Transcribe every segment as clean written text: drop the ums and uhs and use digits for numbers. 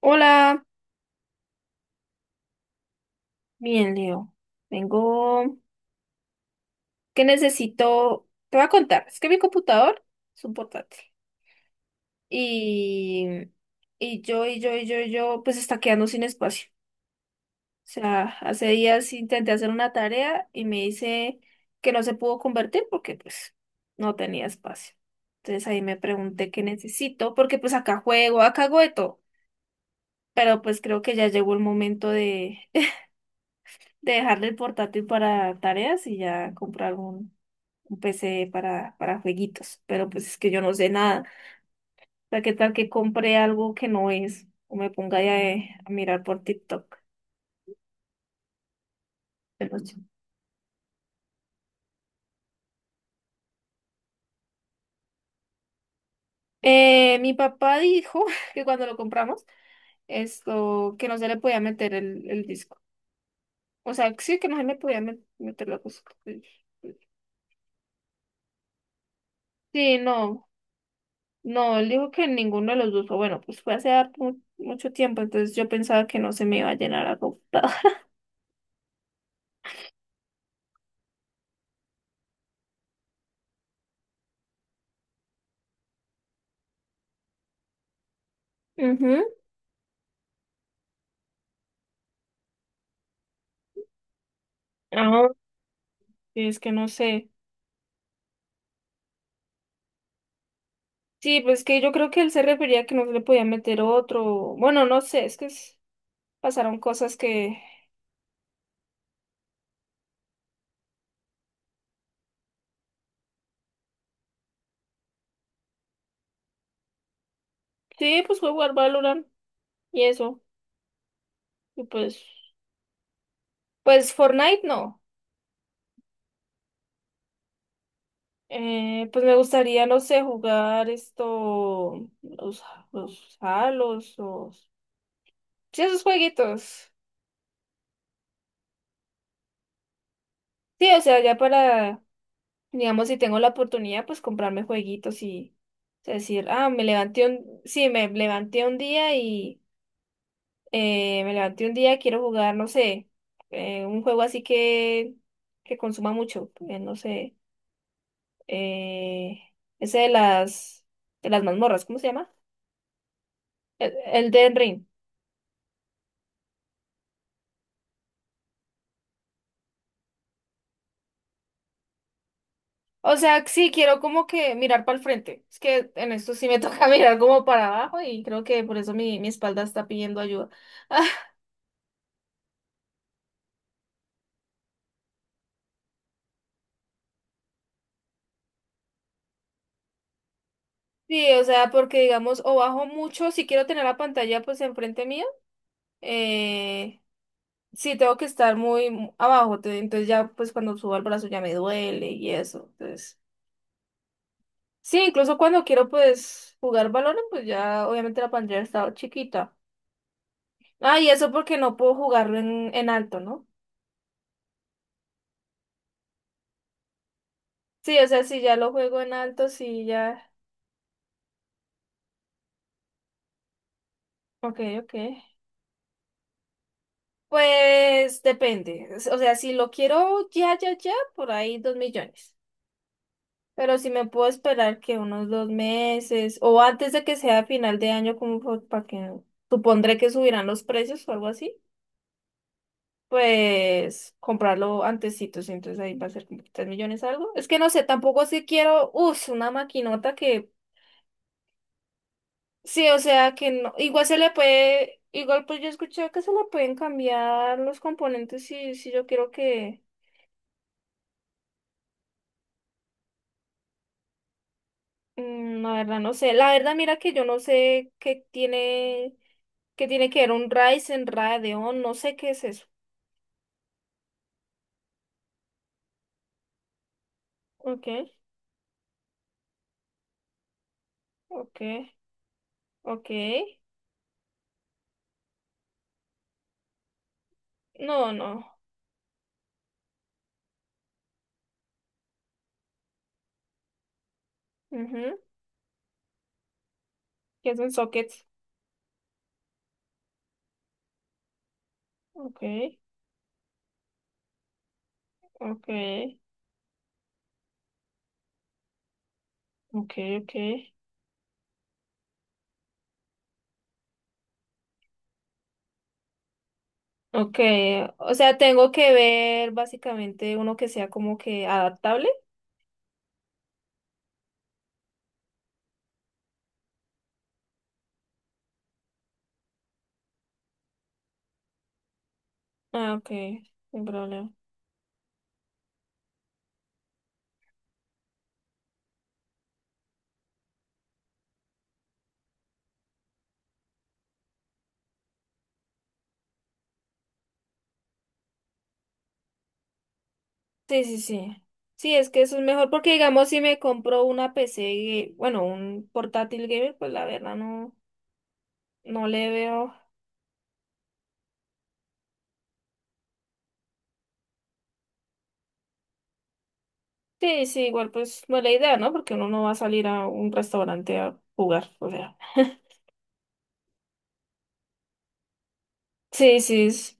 Hola, bien, Leo. Vengo que necesito, te voy a contar, es que mi computador es un portátil y, y yo, y yo, y yo, y yo, pues está quedando sin espacio. O sea, hace días intenté hacer una tarea y me dice que no se pudo convertir porque pues no tenía espacio. Entonces ahí me pregunté qué necesito, porque pues acá juego, acá hago de todo, pero pues creo que ya llegó el momento de, de dejarle el portátil para tareas y ya comprar uno. Un PC para, jueguitos, pero pues es que yo no sé nada. O sea, ¿qué tal que compre algo que no es? O me ponga ya a mirar por TikTok de noche. Mi papá dijo que cuando lo compramos, esto, que no se le podía meter el disco. O sea, sí que no se le podía meter la cosa. Sí, no, no, él dijo que ninguno de los dos, o bueno, pues fue hace harto mucho tiempo, entonces yo pensaba que no se me iba a llenar la computadora. Ujú. Ah, sí, es que no sé. Sí, pues que yo creo que él se refería a que no se le podía meter otro. Bueno, no sé, pasaron cosas que. Sí, pues fue jugar Valorant y eso. Y pues. Pues Fortnite no. Pues me gustaría, no sé, jugar esto. Los Halos, los. Sí, esos jueguitos. Sí, o sea, ya para. Digamos, si tengo la oportunidad, pues comprarme jueguitos y. O sea, decir, ah, me levanté un. Sí, me levanté un día y. Me levanté un día, quiero jugar, no sé, un juego así que consuma mucho, no sé, eh, ese de las mazmorras, ¿cómo se llama? El Elden Ring. O sea, sí, quiero como que mirar para el frente. Es que en esto sí me toca mirar como para abajo y creo que por eso mi espalda está pidiendo ayuda. Sí, o sea, porque digamos, o bajo mucho, si quiero tener la pantalla pues enfrente mío, eh, Sí, tengo que estar muy abajo, entonces ya pues cuando subo al brazo ya me duele y eso. Entonces, sí, incluso cuando quiero pues jugar balones, pues ya obviamente la pantalla está chiquita. Ah, y eso porque no puedo jugarlo en alto, ¿no? Sí, o sea, si ya lo juego en alto, sí, ya. Ok, ok. Pues depende. O sea, si lo quiero ya, ya, ya, por ahí dos millones. Pero si me puedo esperar que unos dos meses o antes de que sea final de año, como para que no, supondré que subirán los precios o algo así, pues comprarlo antesito, sí, entonces ahí va a ser como 3 millones algo. Es que no sé, tampoco si quiero, uff, una maquinota que, sí, o sea, que no, igual se le puede, igual pues yo escuché que se le pueden cambiar los componentes si, si yo quiero que la verdad no sé. La verdad, mira que yo no sé qué tiene que ver un Ryzen, Radeon, no sé qué es eso. Ok, ok, ok. No, no. Ujú. ¿Qué es un socket? Ok, ok, ok, ok. Ok, o sea, tengo que ver básicamente uno que sea como que adaptable. Ah, ok, sin problema. Sí, sí, sí. Sí, es que eso es mejor porque, digamos, si me compro una PC, bueno, un portátil gamer, pues la verdad no, no le veo. Sí, sí, igual pues no es la idea, ¿no? Porque uno no va a salir a un restaurante a jugar, o sea. Sí, sí,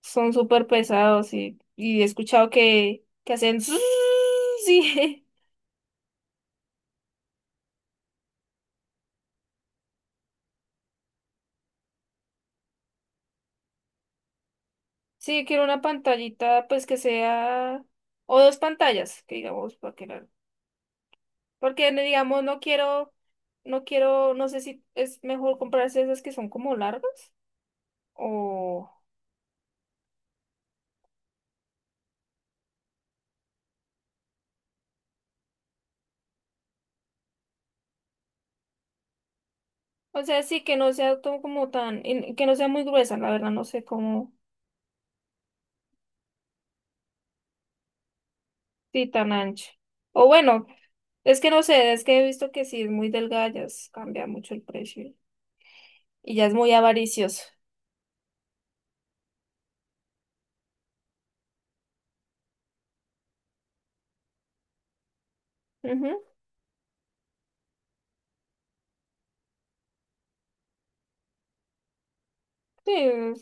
son súper pesados y he escuchado que hacen... zzzz, sí, sí, quiero una pantallita, pues que sea... O dos pantallas, que digamos, para que la- Porque digamos, no quiero, no sé si es mejor comprarse esas que son como largas o, o sea, sí, que no sea todo como tan, y que no sea muy gruesa, la verdad, no sé cómo, sí, tan ancha. O bueno, es que no sé, es que he visto que si es muy delgada ya cambia mucho el precio y ya es muy avaricioso. Ujú, sí,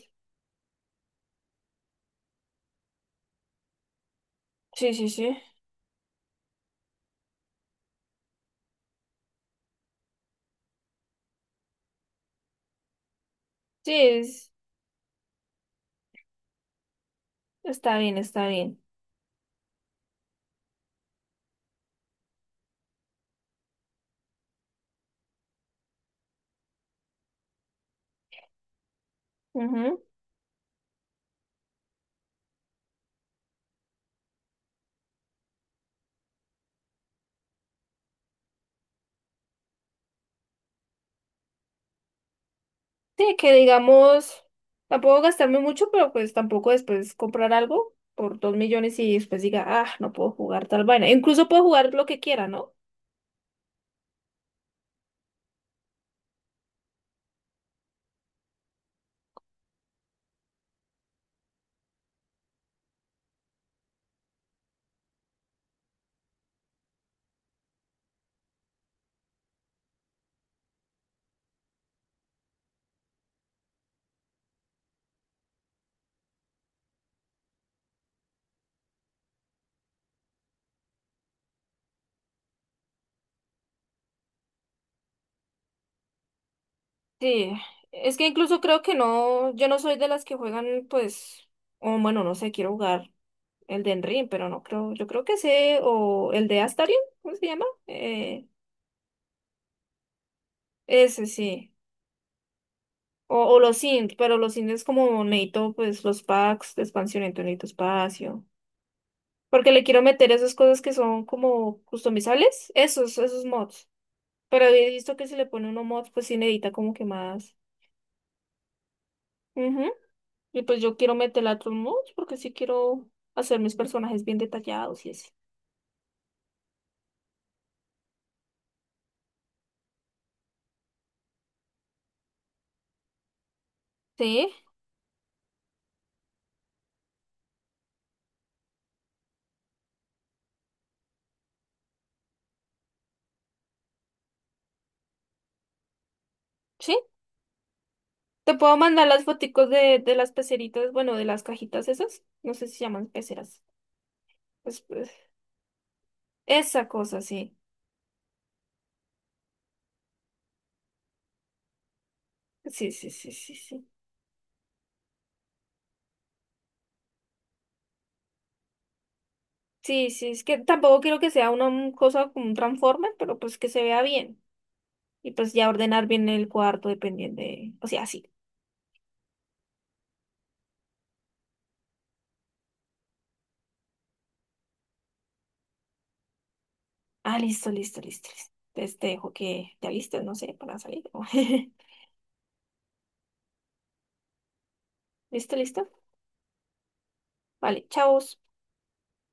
sí, sí, sí. Sí, está bien, está bien. Ujú. Sí, que digamos, tampoco gastarme mucho, pero pues tampoco después comprar algo por dos millones y después diga, ah, no puedo jugar tal vaina. Incluso puedo jugar lo que quiera, ¿no? Sí, es que incluso creo que no, yo no soy de las que juegan, pues, o bueno, no sé, quiero jugar el de Enrim, pero no creo, yo creo que sé, o el de Astarion, ¿cómo se llama? Ese sí. O los Sims, pero los Sims es como necesito, pues, los packs de expansión, entonces necesito espacio. Porque le quiero meter esas cosas que son como customizables, esos mods. Pero he visto que si le pone uno mods, pues sí necesita como que más. Ujú. Y pues yo quiero meterle otros mods porque sí quiero hacer mis personajes bien detallados y así. Sí, sí. Te puedo mandar las foticos de las peceritas, bueno, de las cajitas esas. No sé si se llaman peceras. Pues, pues, esa cosa, sí. Sí, sí, sí, sí, sí. Sí, sí, es que tampoco quiero que sea una cosa como un Transformer, pero pues que se vea bien. Y pues ya ordenar bien el cuarto dependiendo de... O sea, sí. Ah, listo, listo, listo, listo. Entonces te dejo que te alistes, no sé, para salir. ¿Listo, listo? Vale, chao.